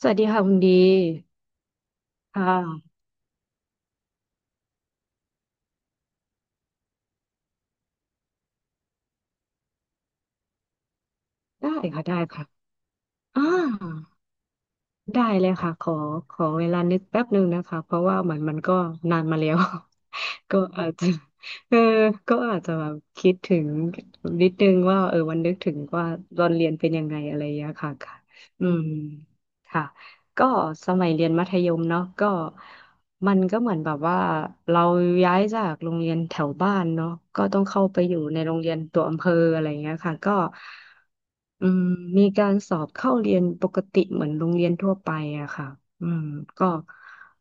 สวัสดีค่ะคุณดีค่ะได้ค่ะได้ค่ะอ่าได้เลยค่ะขอเวลานึกแป๊บหนึ่งนะคะเพราะว่าเหมือนมันก็นานมาแล้ว ก็อาจจะ เออก็อาจจะแบบคิดถึงนิดนึงว่าเออวันนึกถึงว่าตอนเรียนเป็นยังไงอะไรอย่างเงี้ยค่ะค่ะอืมค่ะก็สมัยเรียนมัธยมเนาะก็มันก็เหมือนแบบว่าเราย้ายจากโรงเรียนแถวบ้านเนาะก็ต้องเข้าไปอยู่ในโรงเรียนตัวอำเภออะไรอย่างเงี้ยค่ะก็อืมมีการสอบเข้าเรียนปกติเหมือนโรงเรียนทั่วไปอะค่ะอืมก็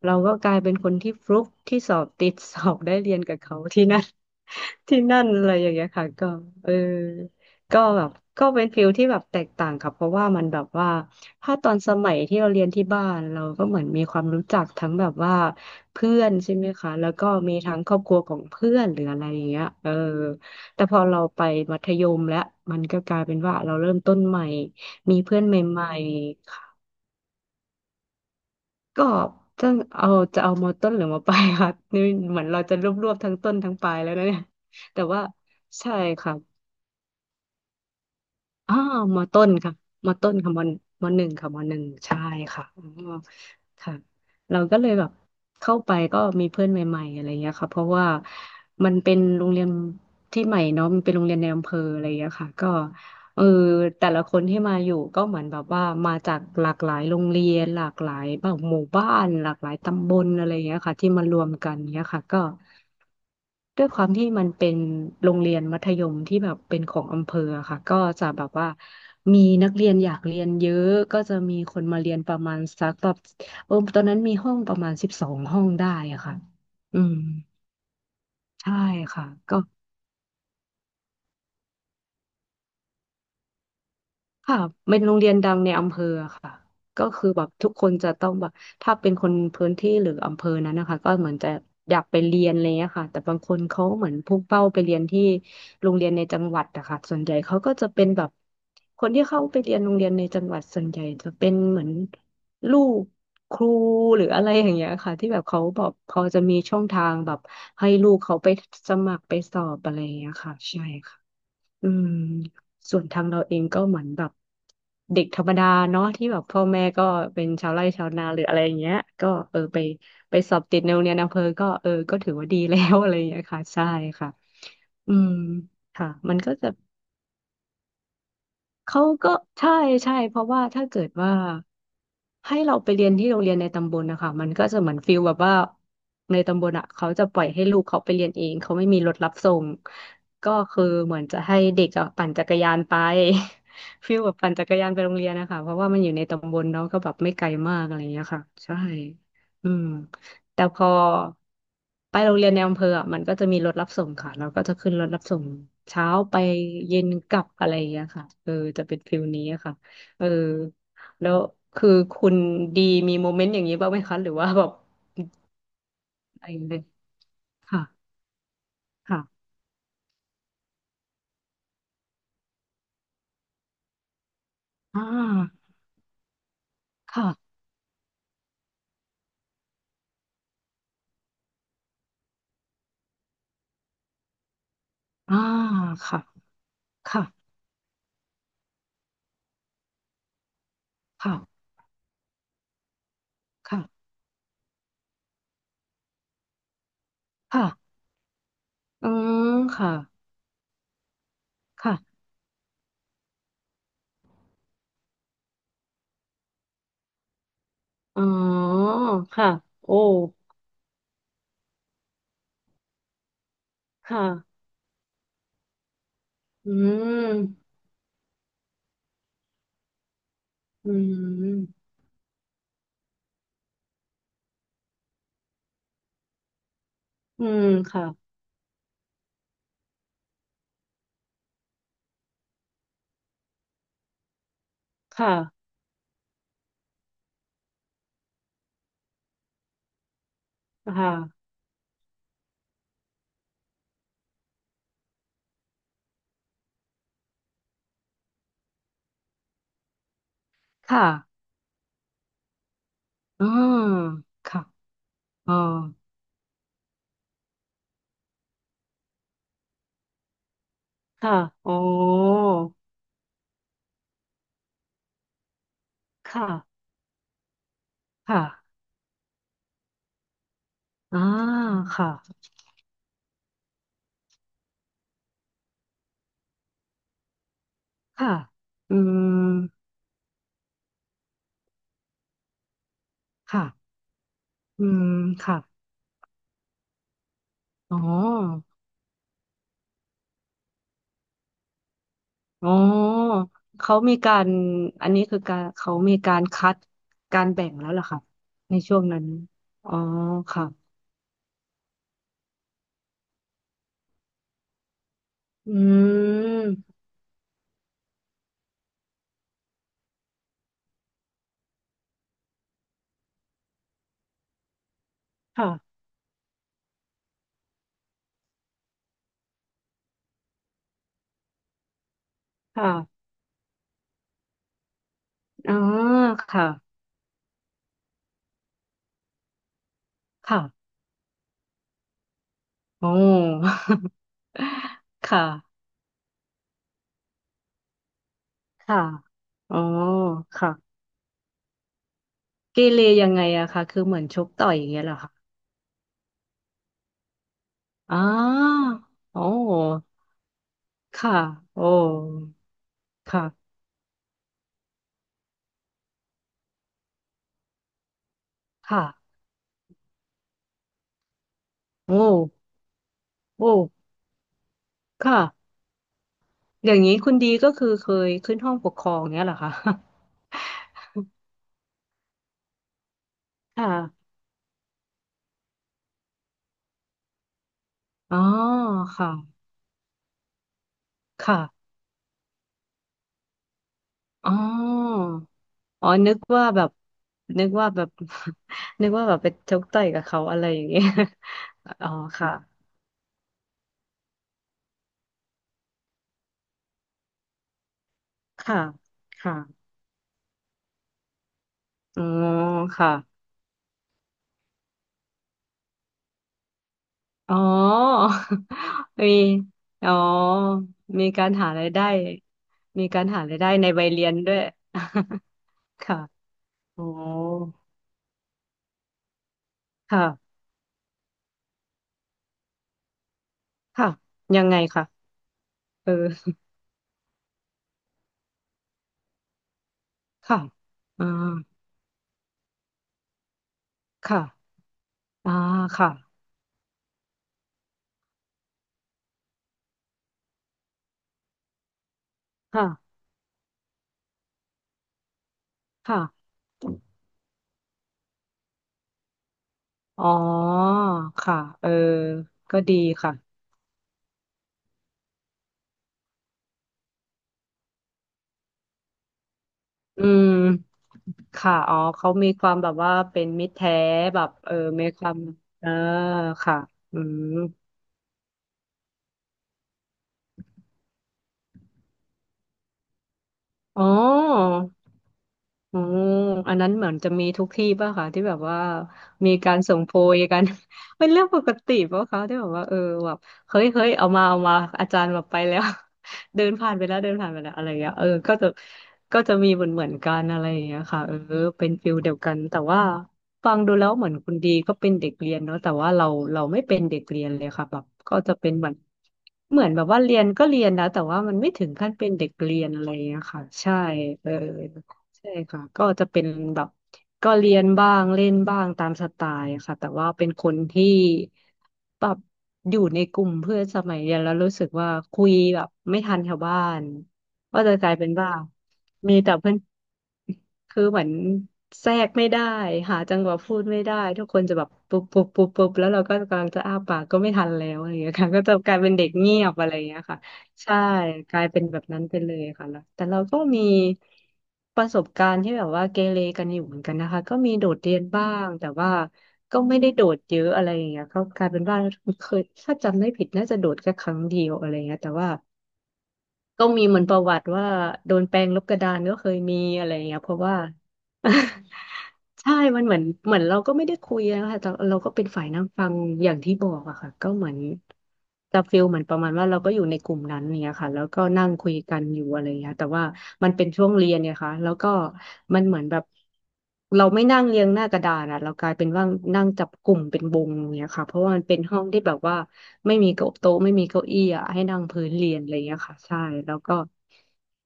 เราก็กลายเป็นคนที่ฟลุกที่สอบติดสอบได้เรียนกับเขาที่นั่น ที่นั่นอะไรอย่างเงี้ยค่ะก็เออก็แบบก็เป็นฟิลที่แบบแตกต่างค่ะเพราะว่ามันแบบว่าถ้าตอนสมัยที่เราเรียนที่บ้านเราก็เหมือนมีความรู้จักทั้งแบบว่าเพื่อนใช่ไหมคะแล้วก็มีทั้งครอบครัวของเพื่อนหรืออะไรอย่างเงี้ยเออแต่พอเราไปมัธยมแล้วมันก็กลายเป็นว่าเราเริ่มต้นใหม่มีเพื่อนใหม่ๆ ก็จะเอาจะเอามต้นหรือมปลายค่ะ นี่เหมือนเราจะรวบรวบทั้งต้นทั้งปลายแล้วนะเนี่ยแต่ว่าใช่ค่ะ อ๋อมอต้นค่ะมอต้นค่ะมหนึ่งค่ะมหนึ่งใช่ค่ะอ๋อค่ะเราก็เลยแบบเข้าไปก็มีเพื่อนใหม่ๆอะไรเงี้ยค่ะเพราะว่ามันเป็นโรงเรียนที่ใหม่เนาะมันเป็นโรงเรียนในอำเภออะไรเงี้ยค่ะก็เออแต่ละคนที่มาอยู่ก็เหมือนแบบว่ามาจากหลากหลายโรงเรียนหลากหลายแบบหมู่บ้านหลากหลายตำบลอะไรเงี้ยค่ะที่มารวมกันเงี้ยค่ะก็ ด้วยความที่มันเป็นโรงเรียนมัธยมที่แบบเป็นของอำเภออะค่ะก็จะแบบว่ามีนักเรียนอยากเรียนเยอะก็จะมีคนมาเรียนประมาณสักแบบตอนนั้นมีห้องประมาณ12 ห้องได้อะค่ะอืมใช่ค่ะก็ ค่ะเป็นโรงเรียนดังในอำเภอค่ะก็คือแบบทุกคนจะต้องแบบถ้าเป็นคนพื้นที่หรืออำเภอนั้นนะคะก็เหมือนจะอยากไปเรียนอะไรเงี้ยค่ะแต่บางคนเขาเหมือนพุ่งเป้าไปเรียนที่โรงเรียนในจังหวัดอะค่ะส่วนใหญ่เขาก็จะเป็นแบบคนที่เข้าไปเรียนโรงเรียนในจังหวัดส่วนใหญ่จะเป็นเหมือนลูกครูหรืออะไรอย่างเงี้ยค่ะที่แบบเขาแบอกพอจะมีช่องทางแบบให้ลูกเขาไปสมัครไปสอบอะไรอย่างเงี้ยค่ะใช่ อืมส่วนทางเราเองก็เหมือนแบบเด็กธรรมดาเนาะที่แบบพ่อแม่ก็เป็นชาวไร่ชาวนาหรืออะไรอย่างเงี้ยก็ไปสอบติดในโรงเรียนอำเภอก็เออก็ถือว่าดีแล้ว อะไรอย่างเงี้ยค่ะใช่ค่ะอืมค่ะมันก็จะ เขาก็ใช่ใช่เพราะว่าถ้าเกิดว่าให้เราไปเรียนที่โรงเรียนในตำบลนะคะมันก็จะเหมือนฟิลแบบว่าในตำบลอ่ะเขาจะปล่อยให้ลูกเขาไปเรียนเองเขาไม่มีรถรับส่งก็คือเหมือนจะให้เด็กอะปั่นจักรยานไป ฟิลแบบปั่นจักรยานไปโรงเรียนนะคะเพราะว่ามันอยู่ในตำบลเนาะก็แบบไม่ไกลมากอะไรอย่างเงี้ยค่ะใช่อืม แต่พอไปโรงเรียนในอำเภออะมันก็จะมีรถรับส่งค่ะเราก็จะขึ้นรถรับส่งเช้าไปเย็นกลับอะไรอย่างเงี้ยค่ะเออจะเป็นฟิลนี้อะค่ะเออแล้วคือคุณดีมีโมเมนต์อย่างนี้บ้างไหมคะหรือว่าแบบอะไรเลยค่ะค่ะอ่าค่ะอ่าค่ะค่ะค่ะค่ะค่ะอืมค่ะค่ะอ๋อค่ะโอ้ค่ะอืมอืมอืมค่ะ ค่ะค่ะค่ะอืมค่ะอ๋อค่ะอ๋อค่ะค่ะอ่าค่ะค่ะอืมค่ะอืมค่ะอ๋ออ๋อเขามีการอันนี้คือการเขามีการคัดการแบ่งแล้วเหรอคะในช่วงนั้นอ๋อค่ะอืมค่ะค่ะอ๋อค่ะค่ะโอ้ ค่ะ ค่ะอ๋อค่ะเกเรยังไงอะคะคือเหมือนชกต่อยอย่างเงี้ยเหรอคะอ๋อโอ้ค่ะโอ้ค่ะค่ะโอ้โอ้ค่ะอย่างนี้คุณดีก็คือเคยขึ้นห้องปกครองเงี้ยเหรอคะ ค่ะอ๋อค่ะค่ะอ๋ออ๋อนึกว่าแบบนึกว่าแบบ นึกว่าแบบไปชกต่อยกับเขาอะไรอย่างเงี้ย อ๋อค่ะค่ะค่ะอ๋อค่ะ อ๋อ มีอ๋อมีการหารายได้มีการหารายได้ในวัยเรียนด้วย ค่ะโอ้ค่ะ ค่ะ ยังไงค่ะเออ ค่ะอ่าค่ะอ่าค่ะค่ะค่ะอ๋อค่ะเออก็ดีค่ะอืมค่ะอ๋อเขามีความแบบว่าเป็นมิตรแท้แบบเออมีความเออค่ะอืมอ๋อ อ๋ออันนั้นเหมือนจะมีทุกที่ป่ะคะที่แบบว่ามีการส่งโพยกัน เป็นเรื่องปกติป่ะคะที่แบบว่าเออแบบเฮ้ยเฮ้ยเอามาเอามาอาจารย์แบบไปแล้ว เดินผ่านไปแล้วเดินผ่านไปแล้วอะไรอย่างเงี้ยเออก็จะมีเหมือนเหมือนกันอะไรอย่างเงี้ยค่ะเออเป็นฟิลเดียวกันแต่ว่าฟังดูแล้วเหมือนคุณดีก็เป็นเด็กเรียนเนาะแต่ว่าเราไม่เป็นเด็กเรียนเลยค่ะแบบก็จะเป็นเหมือนเหมือนแบบว่าเรียนก็เรียนนะแต่ว่ามันไม่ถึงขั้นเป็นเด็กเรียนอะไรอย่างเงี้ยค่ะใช่เออ ใช่ค่ะก็จะเป็นแบบก็เรียนบ้างเล่นบ้างตามสไตล์ค่ะแต่ว่าเป็นคนที่แบบอยู่ในกลุ่มเพื่อนสมัยเรียนแล้วรู้สึกว่าคุยแบบไม่ทันชาวบ้านก็จะกลายเป็นว่ามีแต่เพื่อนคือเหมือนแทรกไม่ได้หาจังหวะพูดไม่ได้ทุกคนจะแบบปุ๊บปุ๊บปุ๊บปุ๊บแล้วเราก็กำลังจะอ้าปากก็ไม่ทันแล้วอะไรอย่างเงี้ยค่ะก็จะกลายเป็นเด็กเงียบอะไรอย่างเงี้ยค่ะ ใช่กลายเป็นแบบนั้นไปเลยค่ะแล้วแต่เราก็มีประสบการณ์ที่แบบว่าเกเรกันอยู่เหมือนกันนะคะก็มีโดดเรียนบ้างแต่ว่าก็ไม่ได้โดดเยอะอะไรอย่างเงี้ยก็กลายเป็นว่าเคยถ้าจำไม่ผิดน่าจะโดดแค่ครั้งเดียวอะไรเงี้ยแต่ว่าก็มีเหมือนประวัติว่าโดนแปรงลบกระดานก็เคยมีอะไรเงี้ยเพราะว่า ใช่ มันเหมือนเหมือนเราก็ไม่ได้คุยนะคะแต่เราก็เป็นฝ่ายนั่งฟังอย่างที่บอกอะค่ะก็เหมือนจะฟีลเหมือนประมาณว่าเราก็อยู่ในกลุ่มนั้นเนี่ยค่ะแล้วก็นั่งคุยกันอยู่อะไรเงี้ยแต่ว่ามันเป็นช่วงเรียนเนี่ยค่ะแล้วก็มันเหมือนแบบเราไม่นั่งเรียงหน้ากระดานอะเรากลายเป็นว่านั่งจับกลุ่มเป็นวงเนี่ยค่ะเพราะว่ามันเป็นห้องที่แบบว่าไม่มีเก้าโต๊ะไม่มีเก้าอี้อะให้นั่งพื้นเรียนอะไรเงี้ยค่ะใช่แล้วก็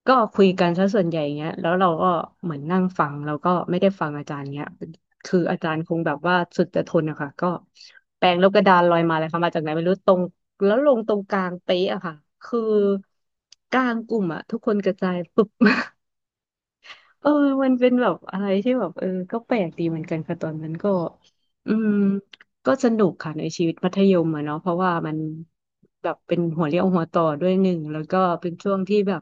ก็คุยกันซะส่วนใหญ่เงี้ยแล้วเราก็เหมือนนั่งฟังแล้วก็ไม่ได้ฟังอาจารย์เงี้ยคืออาจารย์คงแบบว่าสุดจะทนอะค่ะก็แปรงลบกระดานลอยมาเลยค่ะมาจากไหนไม่รู้ตรงแล้วลงตรงกลางเป๊ะอะค่ะคือกลางกลุ่มอะทุกคนกระจายปุ๊บ เออมันเป็นแบบอะไรที่แบบเออก็แปลกดีเหมือนกันค่ะตอนนั้นก็อืมก็สนุกค่ะในชีวิตมัธยมอะเนาะเพราะว่ามันแบบเป็นหัวเรี่ยวหัวต่อด้วยหนึ่งแล้วก็เป็นช่วงที่แบบ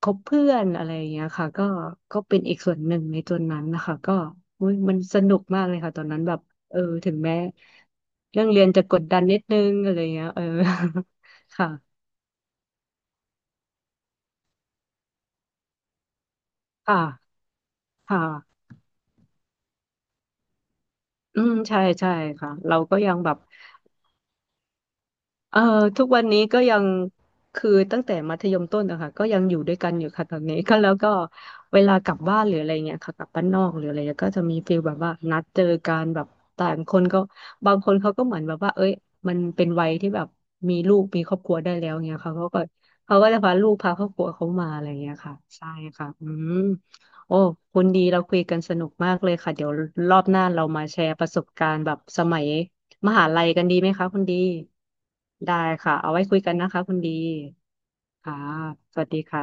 คบเพื่อนอะไรอย่างเงี้ยค่ะก็เป็นอีกส่วนหนึ่งในตัวนั้นนะคะก็อุ๊ยมันสนุกมากเลยค่ะตอนนั้นแบบเออถึงแม้เรื่องเรียนจะกดดันนิดนึงอะไรเงี้ยเออ ค่ะค่ะค่ะอืมใช่ใช่ค่ะเราก็ยังแบบ เอ่อทุกวันนี้ก็ยังคือตั้งแต่มัธยมต้นนะคะก็ยังอยู่ด้วยกันอยู่ค่ะตอนนี้ ก็แล้วก็เวลากลับบ้านหรืออะไรเงี้ยค่ะกลับบ้านนอกหรืออะไรเงี้ยก็จะมีฟีลแบบว่านัดเจอกันแบบต่างคนก็บางคนเขาก็เหมือนแบบว่าเอ้ยมันเป็นวัยที่แบบมีลูกมีครอบครัวได้แล้วเงี้ยค่ะเขาก็จะพาลูกพาครอบครัวเขามาอะไรเงี้ยค่ะใช่ค่ะอืมโอ้คุณดีเราคุยกันสนุกมากเลยค่ะเดี๋ยวรอบหน้าเรามาแชร์ประสบการณ์แบบสมัย มหาลัยกันดีไหมคะคุณดีได้ค่ะเอาไว้คุยกันนะคะคุณดีค่ะสวัสดีค่ะ